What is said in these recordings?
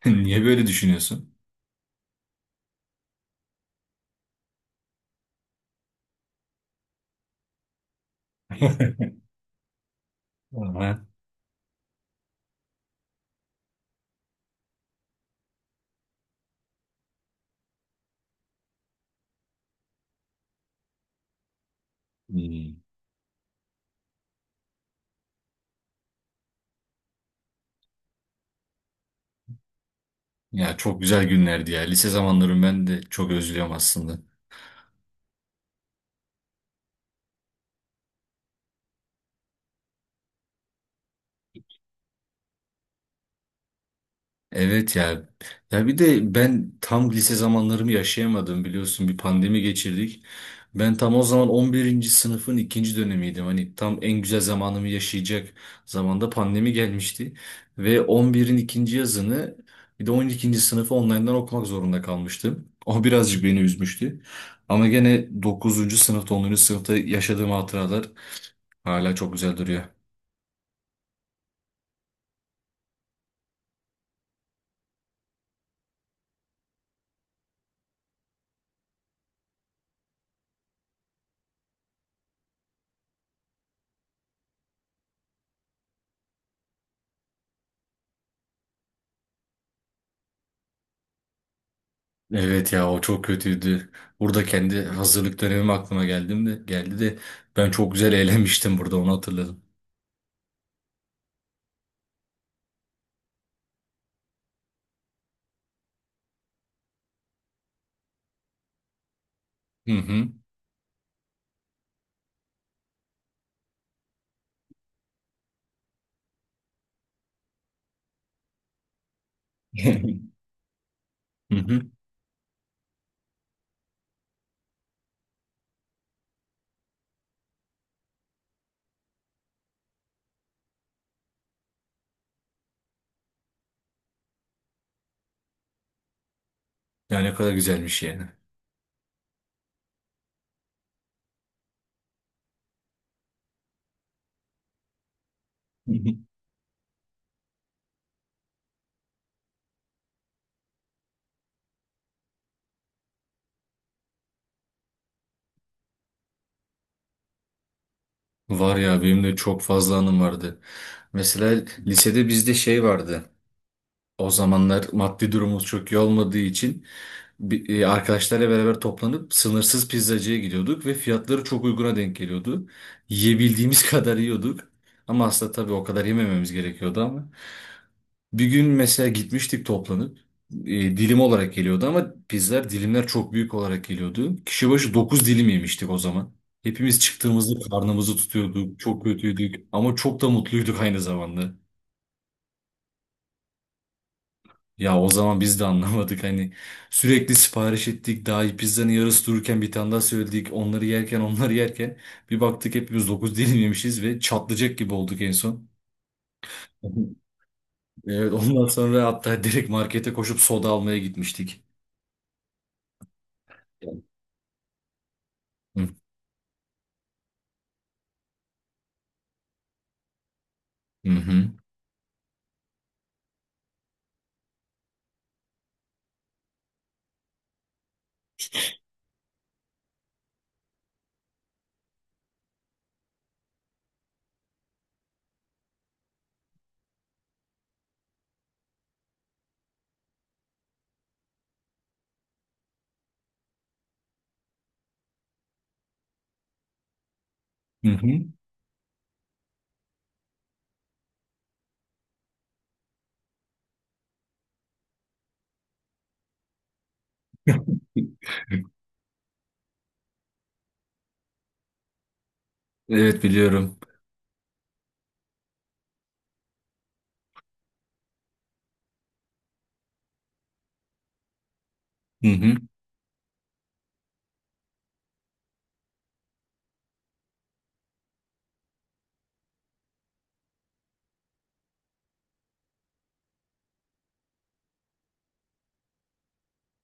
Niye böyle düşünüyorsun? Aha. Hmm. Ya çok güzel günlerdi ya. Lise zamanlarımı ben de çok özlüyorum aslında. Evet ya. Ya bir de ben tam lise zamanlarımı yaşayamadım biliyorsun, bir pandemi geçirdik. Ben tam o zaman 11. sınıfın ikinci dönemiydim. Hani tam en güzel zamanımı yaşayacak zamanda pandemi gelmişti. Ve on birin ikinci yazını bir de 12. sınıfı online'dan okumak zorunda kalmıştım. O birazcık beni üzmüştü. Ama gene 9. sınıfta, 10. sınıfta yaşadığım hatıralar hala çok güzel duruyor. Evet ya, o çok kötüydü. Burada kendi hazırlık dönemim aklıma geldim de geldi de ben çok güzel eğlenmiştim burada, onu hatırladım. Hı hı. Hı hı. Ya ne kadar güzelmiş yani. Hı hı. Var ya, benim de çok fazla anım vardı. Mesela lisede bizde şey vardı. O zamanlar maddi durumumuz çok iyi olmadığı için arkadaşlarla beraber toplanıp sınırsız pizzacıya gidiyorduk ve fiyatları çok uyguna denk geliyordu. Yiyebildiğimiz kadar yiyorduk. Ama aslında tabii o kadar yemememiz gerekiyordu ama. Bir gün mesela gitmiştik toplanıp, e, dilim olarak geliyordu ama pizzalar, dilimler çok büyük olarak geliyordu. Kişi başı 9 dilim yemiştik o zaman. Hepimiz çıktığımızda karnımızı tutuyorduk. Çok kötüydük ama çok da mutluyduk aynı zamanda. Ya o zaman biz de anlamadık, hani sürekli sipariş ettik, daha pizzanın yarısı dururken bir tane daha söyledik, onları yerken bir baktık hepimiz 9 dilim yemişiz ve çatlayacak gibi olduk en son. Evet, ondan sonra hatta direkt markete koşup soda almaya gitmiştik. Hı hı. Hı hı. Evet, biliyorum. Hı hı.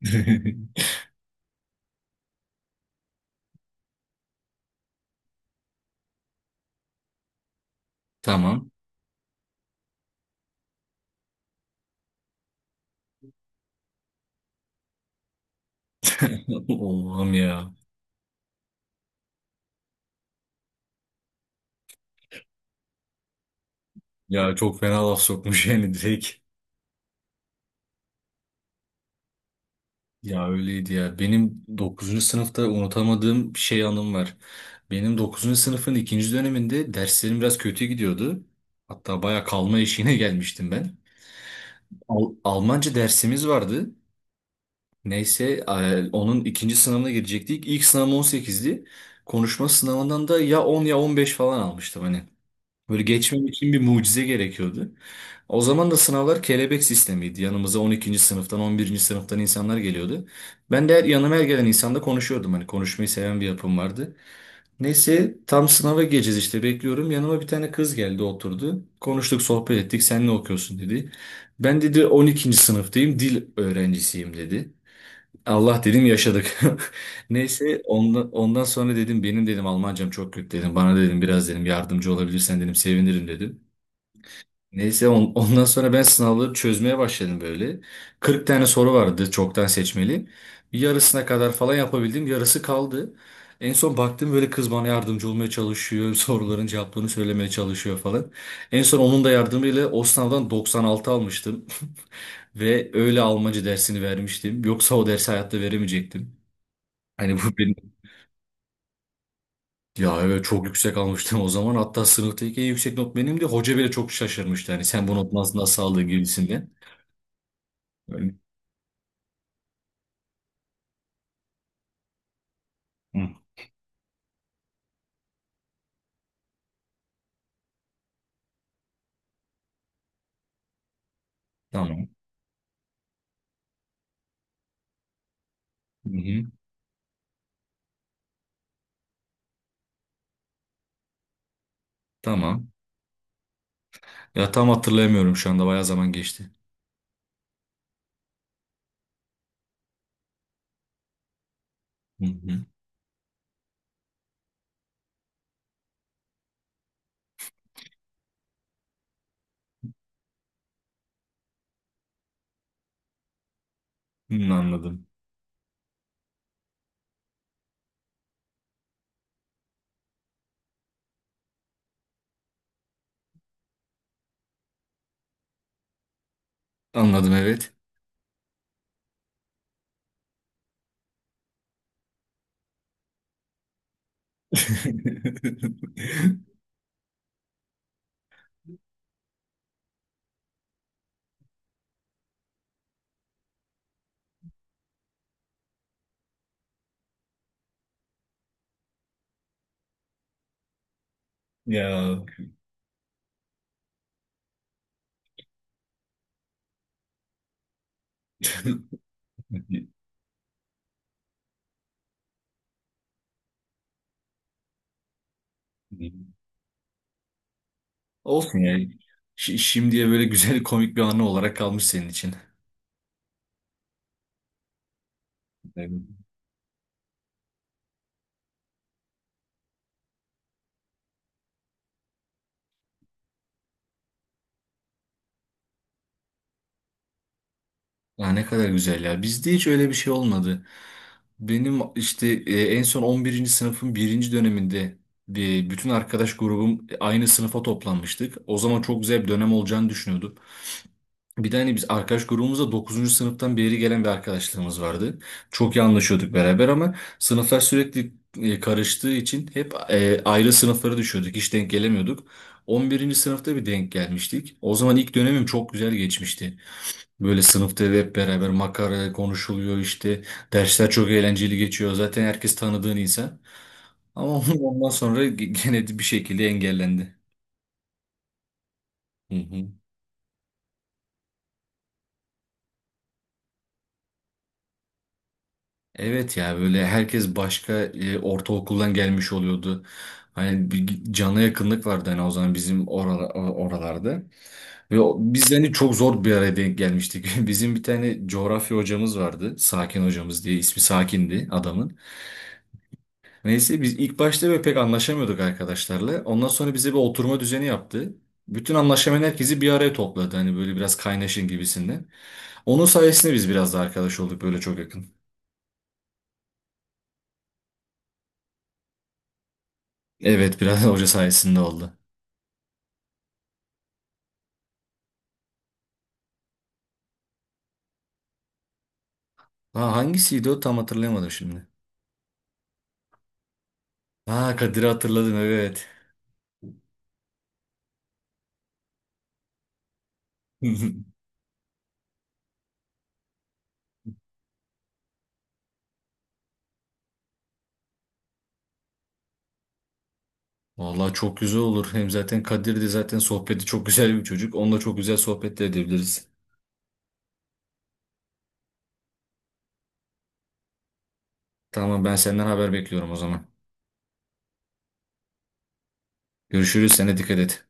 Tamam. Oğlum ya. Ya çok fena laf sokmuş yani direkt. Ya öyleydi ya. Benim 9. sınıfta unutamadığım şey anım var. Benim 9. sınıfın ikinci döneminde derslerim biraz kötü gidiyordu. Hatta baya kalma eşiğine gelmiştim ben. Almanca dersimiz vardı. Neyse, onun ikinci sınavına girecektik. İlk sınavım 18'di. Konuşma sınavından da ya 10 ya 15 falan almıştım hani. Böyle geçmem için bir mucize gerekiyordu. O zaman da sınavlar kelebek sistemiydi. Yanımıza 12. sınıftan, 11. sınıftan insanlar geliyordu. Yanıma her gelen insanla konuşuyordum. Hani konuşmayı seven bir yapım vardı. Neyse tam sınava gireceğiz işte, bekliyorum. Yanıma bir tane kız geldi, oturdu. Konuştuk, sohbet ettik. Sen ne okuyorsun dedi. Ben dedi 12. sınıftayım, dil öğrencisiyim dedi. Allah dedim, yaşadık. Neyse ondan sonra dedim benim dedim Almancam çok kötü dedim. Bana dedim biraz dedim yardımcı olabilirsen dedim sevinirim dedim. Neyse ondan sonra ben sınavları çözmeye başladım böyle. 40 tane soru vardı çoktan seçmeli. Yarısına kadar falan yapabildim. Yarısı kaldı. En son baktım, böyle kız bana yardımcı olmaya çalışıyor. Soruların cevaplarını söylemeye çalışıyor falan. En son onun da yardımıyla o sınavdan 96 almıştım. Ve öyle Almanca dersini vermiştim. Yoksa o dersi hayatta veremeyecektim. Hani bu benim... Ya evet, çok yüksek almıştım o zaman. Hatta sınıftaki en yüksek not benimdi. Hoca bile çok şaşırmıştı. Hani sen bu notu nasıl aldın gibisinden. Hı, tamam. Hı hı, tamam. Ya tam hatırlayamıyorum şu anda. Bayağı zaman geçti. Hı hı. Hı, anladım. Anladım, evet. Ya. Olsun ya. Şimdiye böyle güzel komik bir anı olarak kalmış senin için. Evet. Ya ne kadar güzel ya. Bizde hiç öyle bir şey olmadı. Benim işte, en son 11. sınıfın birinci döneminde bir bütün arkadaş grubum aynı sınıfa toplanmıştık. O zaman çok güzel bir dönem olacağını düşünüyorduk. Bir de hani biz arkadaş grubumuzda 9. sınıftan beri gelen bir arkadaşlığımız vardı. Çok iyi anlaşıyorduk beraber ama sınıflar sürekli karıştığı için hep ayrı sınıflara düşüyorduk. Hiç denk gelemiyorduk. 11. sınıfta bir denk gelmiştik. O zaman ilk dönemim çok güzel geçmişti. Böyle sınıfta hep beraber makara konuşuluyor işte. Dersler çok eğlenceli geçiyor. Zaten herkes tanıdığın insan. Ama ondan sonra gene bir şekilde engellendi. Hı hı. Evet ya, böyle herkes başka ortaokuldan gelmiş oluyordu. Hani bir cana yakınlık vardı hani o zaman bizim oralarda. Ve biz hani çok zor bir araya denk gelmiştik. Bizim bir tane coğrafya hocamız vardı. Sakin hocamız diye, ismi Sakin'di adamın. Neyse biz ilk başta böyle pek anlaşamıyorduk arkadaşlarla. Ondan sonra bize bir oturma düzeni yaptı. Bütün anlaşamayan herkesi bir araya topladı. Hani böyle biraz kaynaşın gibisinden. Onun sayesinde biz biraz da arkadaş olduk böyle, çok yakın. Evet, biraz hoca sayesinde oldu. Ha, hangisiydi o, tam hatırlayamadım şimdi. Ha, Kadir'i hatırladım evet. Vallahi çok güzel olur. Hem zaten Kadir de zaten sohbeti çok güzel bir çocuk. Onunla çok güzel sohbet de edebiliriz. Tamam, ben senden haber bekliyorum o zaman. Görüşürüz. Sen dikkat et.